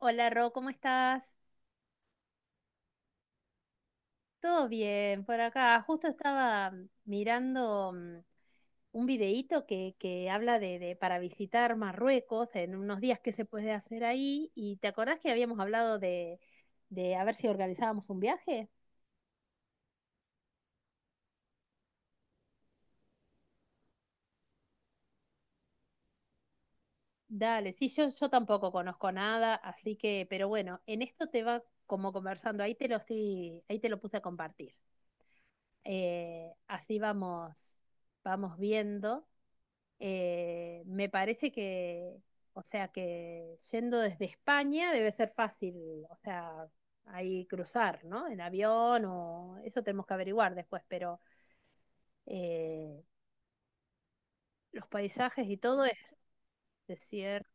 Hola Ro, ¿cómo estás? Todo bien por acá. Justo estaba mirando un videíto que habla de para visitar Marruecos en unos días qué se puede hacer ahí. ¿Y te acordás que habíamos hablado de a ver si organizábamos un viaje? Dale, sí, yo tampoco conozco nada, así que, pero bueno, en esto te va como conversando, ahí te lo estoy, ahí te lo puse a compartir. Así vamos, vamos viendo. Me parece que, o sea, que yendo desde España debe ser fácil, o sea, ahí cruzar, ¿no? En avión o eso tenemos que averiguar después, pero eh, los paisajes y todo es desierto.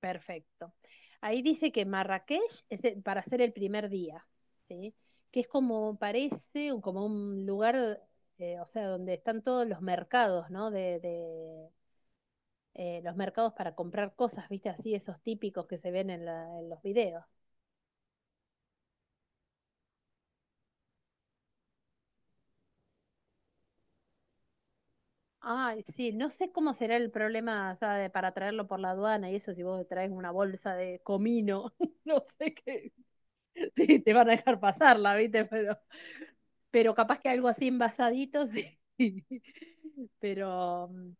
Perfecto. Ahí dice que Marrakech es para hacer el primer día, ¿sí? Que es como parece, como un lugar, o sea, donde están todos los mercados, ¿no? De los mercados para comprar cosas, ¿viste? Así esos típicos que se ven en, en los videos. Ay, sí, no sé cómo será el problema, o sea, para traerlo por la aduana y eso, si vos traes una bolsa de comino, no sé qué, sí, te van a dejar pasarla, ¿viste? Pero capaz que algo así envasadito, sí. Pero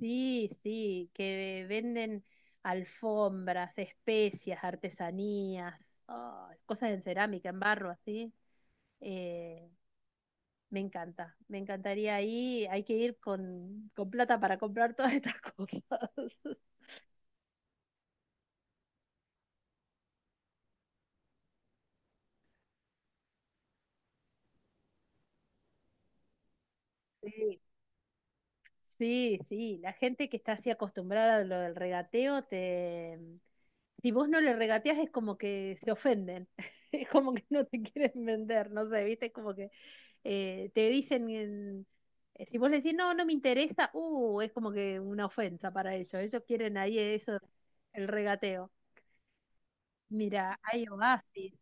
sí, sí, que venden alfombras, especias, artesanías, ay, cosas en cerámica, en barro, así. Eh, Me encanta, me encantaría ir, hay que ir con plata para comprar todas estas cosas. Sí, sí, sí, la gente que está así acostumbrada a lo del regateo, te... si vos no le regateas es como que se ofenden, es como que no te quieren vender, no sé, viste, es como que te dicen, si vos le decís, no, no me interesa, es como que una ofensa para ellos, ellos quieren ahí eso, el regateo. Mira, hay oasis.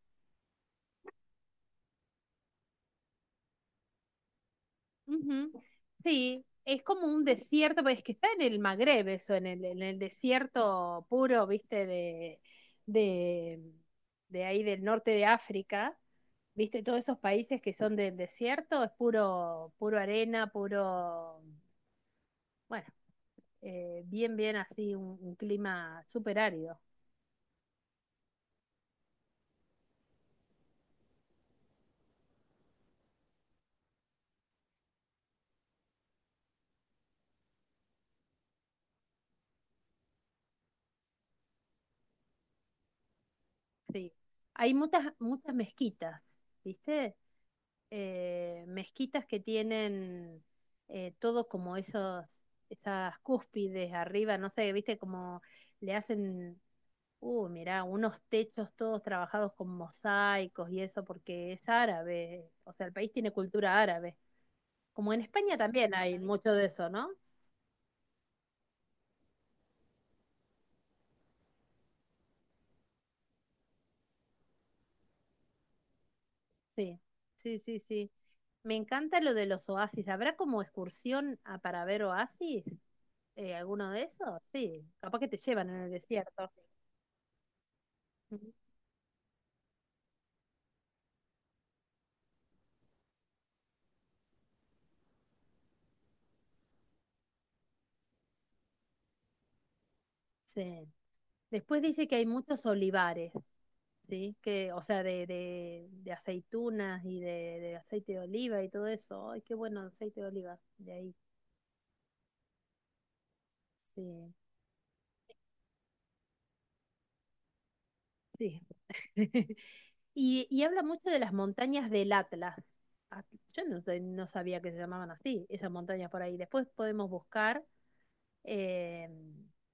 Ujú. Sí, es como un desierto, pues, es que está en el Magreb eso, en el desierto puro, viste, de, de ahí del norte de África, viste, todos esos países que son del desierto, es puro, puro arena, puro, bueno, bien, bien así, un clima súper árido, sí. Hay muchas, muchas mezquitas, viste, mezquitas que tienen todo como esos, esas cúspides arriba, no sé, viste, como le hacen, mirá, unos techos todos trabajados con mosaicos y eso, porque es árabe, o sea, el país tiene cultura árabe. Como en España también hay mucho de eso, ¿no? Sí, sí, sí, sí. Me encanta lo de los oasis. ¿Habrá como excursión a, para ver oasis? ¿alguno de esos? Sí, capaz que te llevan en el desierto. Sí. Después dice que hay muchos olivares, ¿sí? Que, o sea, de aceitunas y de aceite de oliva y todo eso. Ay, qué bueno el aceite de oliva, de ahí. Sí, sí. Y, y habla mucho de las montañas del Atlas. Ah, yo no, no sabía que se llamaban así, esas montañas por ahí. Después podemos buscar. eh,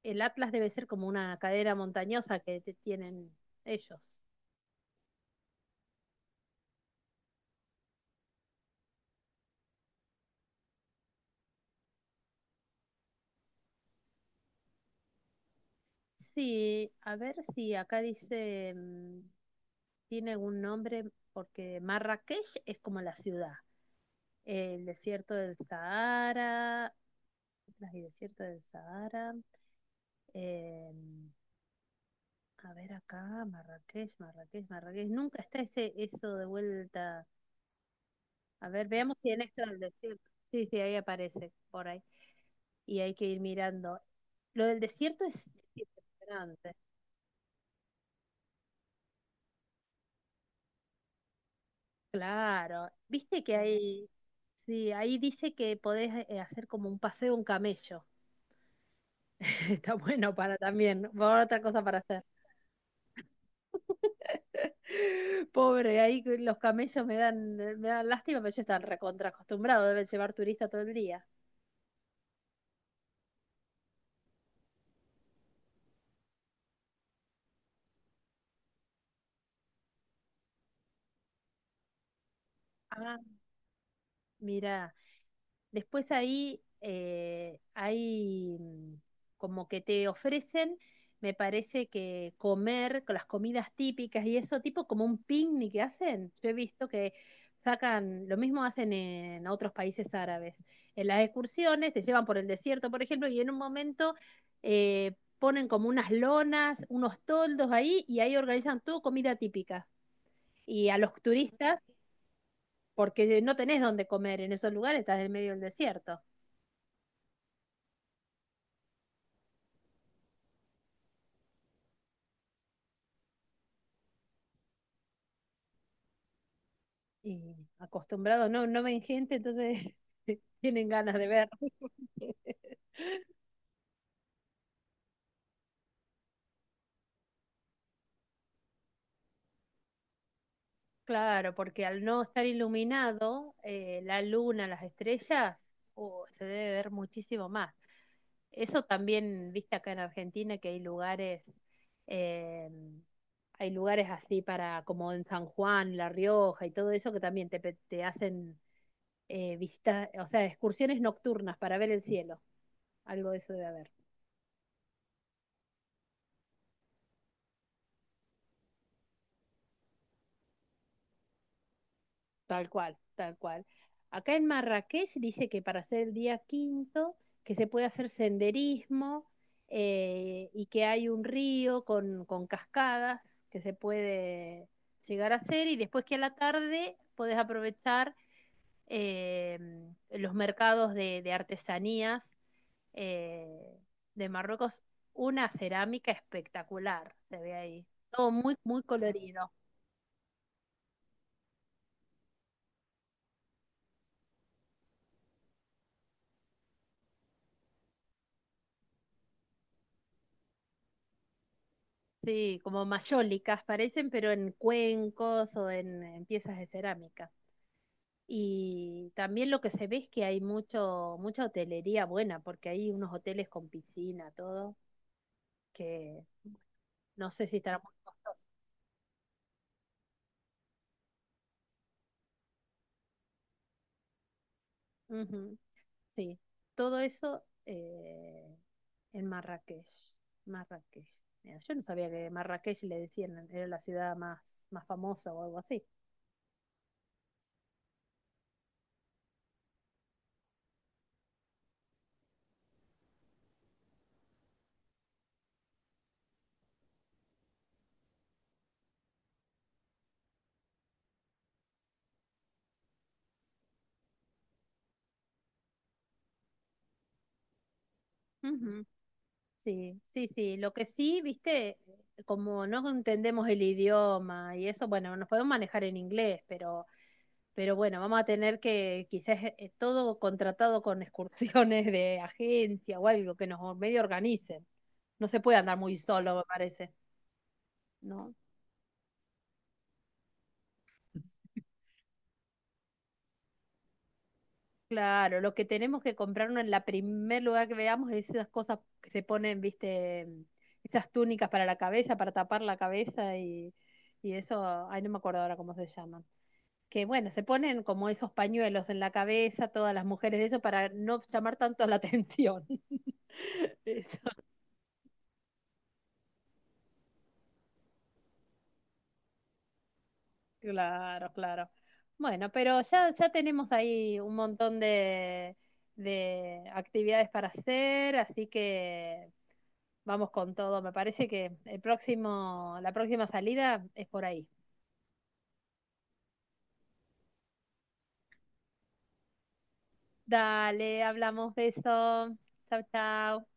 el Atlas debe ser como una cadera montañosa que tienen ellos. Sí, a ver si acá dice, tiene algún nombre, porque Marrakech es como la ciudad, el desierto del Sahara, las y desierto del Sahara. eh, a ver acá, Marrakech, Marrakech, Marrakech. Nunca está ese eso de vuelta. A ver, veamos si en esto del desierto. Sí, sí, ahí aparece por ahí. Y hay que ir mirando. Lo del desierto es impresionante. Claro, viste que Ujú. Hay, sí, ahí dice que podés hacer como un paseo, en camello. Está bueno para también, por otra cosa para hacer. Pobre, ahí que los camellos me dan lástima, pero yo están recontra acostumbrado, deben llevar turista todo el día. Ah, mirá. Después ahí hay como que te ofrecen, me parece que comer con las comidas típicas y eso, tipo como un picnic que hacen. Yo he visto que sacan, lo mismo hacen en otros países árabes. En las excursiones te llevan por el desierto, por ejemplo, y en un momento ponen como unas lonas, unos toldos ahí y ahí organizan todo comida típica. Y a los turistas, porque no tenés dónde comer en esos lugares, estás en medio del desierto. Y acostumbrados, no, no ven gente, entonces tienen ganas de ver. Claro, porque al no estar iluminado, la luna, las estrellas, oh, se debe ver muchísimo más. Eso también, viste acá en Argentina, que eh, hay lugares así para, como en San Juan, La Rioja y todo eso, que también te, te hacen visitas, o sea, excursiones nocturnas para ver el cielo. Algo de eso debe haber. Tal cual, tal cual. Acá en Marrakech dice que para hacer el día quinto, que se puede hacer senderismo y que hay un río con cascadas que se puede llegar a hacer y después que a la tarde podés aprovechar eh, los mercados de artesanías eh, de Marruecos. Una cerámica espectacular, se ve ahí. Todo muy, muy colorido. Sí, como mayólicas parecen, pero en cuencos o en piezas de cerámica. Y también lo que se ve es que hay mucho, mucha hotelería buena, porque hay unos hoteles con piscina, todo, que no sé si estará muy costoso. Ujú, sí, todo eso en Marrakech. Marrakech. Mira, yo no sabía que Marrakech le decían, era la ciudad más, más famosa o algo así. Sí, sí, sí. Lo que sí, viste, como no entendemos el idioma y eso, bueno, nos podemos manejar en inglés, pero bueno, vamos a tener que quizás todo contratado con excursiones de agencia o algo que nos medio organicen. No se puede andar muy solo, me parece, ¿no? Claro, lo que tenemos que comprarnos en la primer lugar que veamos es esas cosas que se ponen, viste, esas túnicas para la cabeza, para tapar la cabeza y eso, ay, no me acuerdo ahora cómo se llaman. Que bueno, se ponen como esos pañuelos en la cabeza, todas las mujeres, eso para no llamar tanto la atención. Eso. Claro, claro. Bueno, pero ya, ya tenemos ahí un montón de actividades para hacer, así que vamos con todo. Me parece que el próximo, la próxima salida es por ahí. Dale, hablamos, beso. Chau, chau.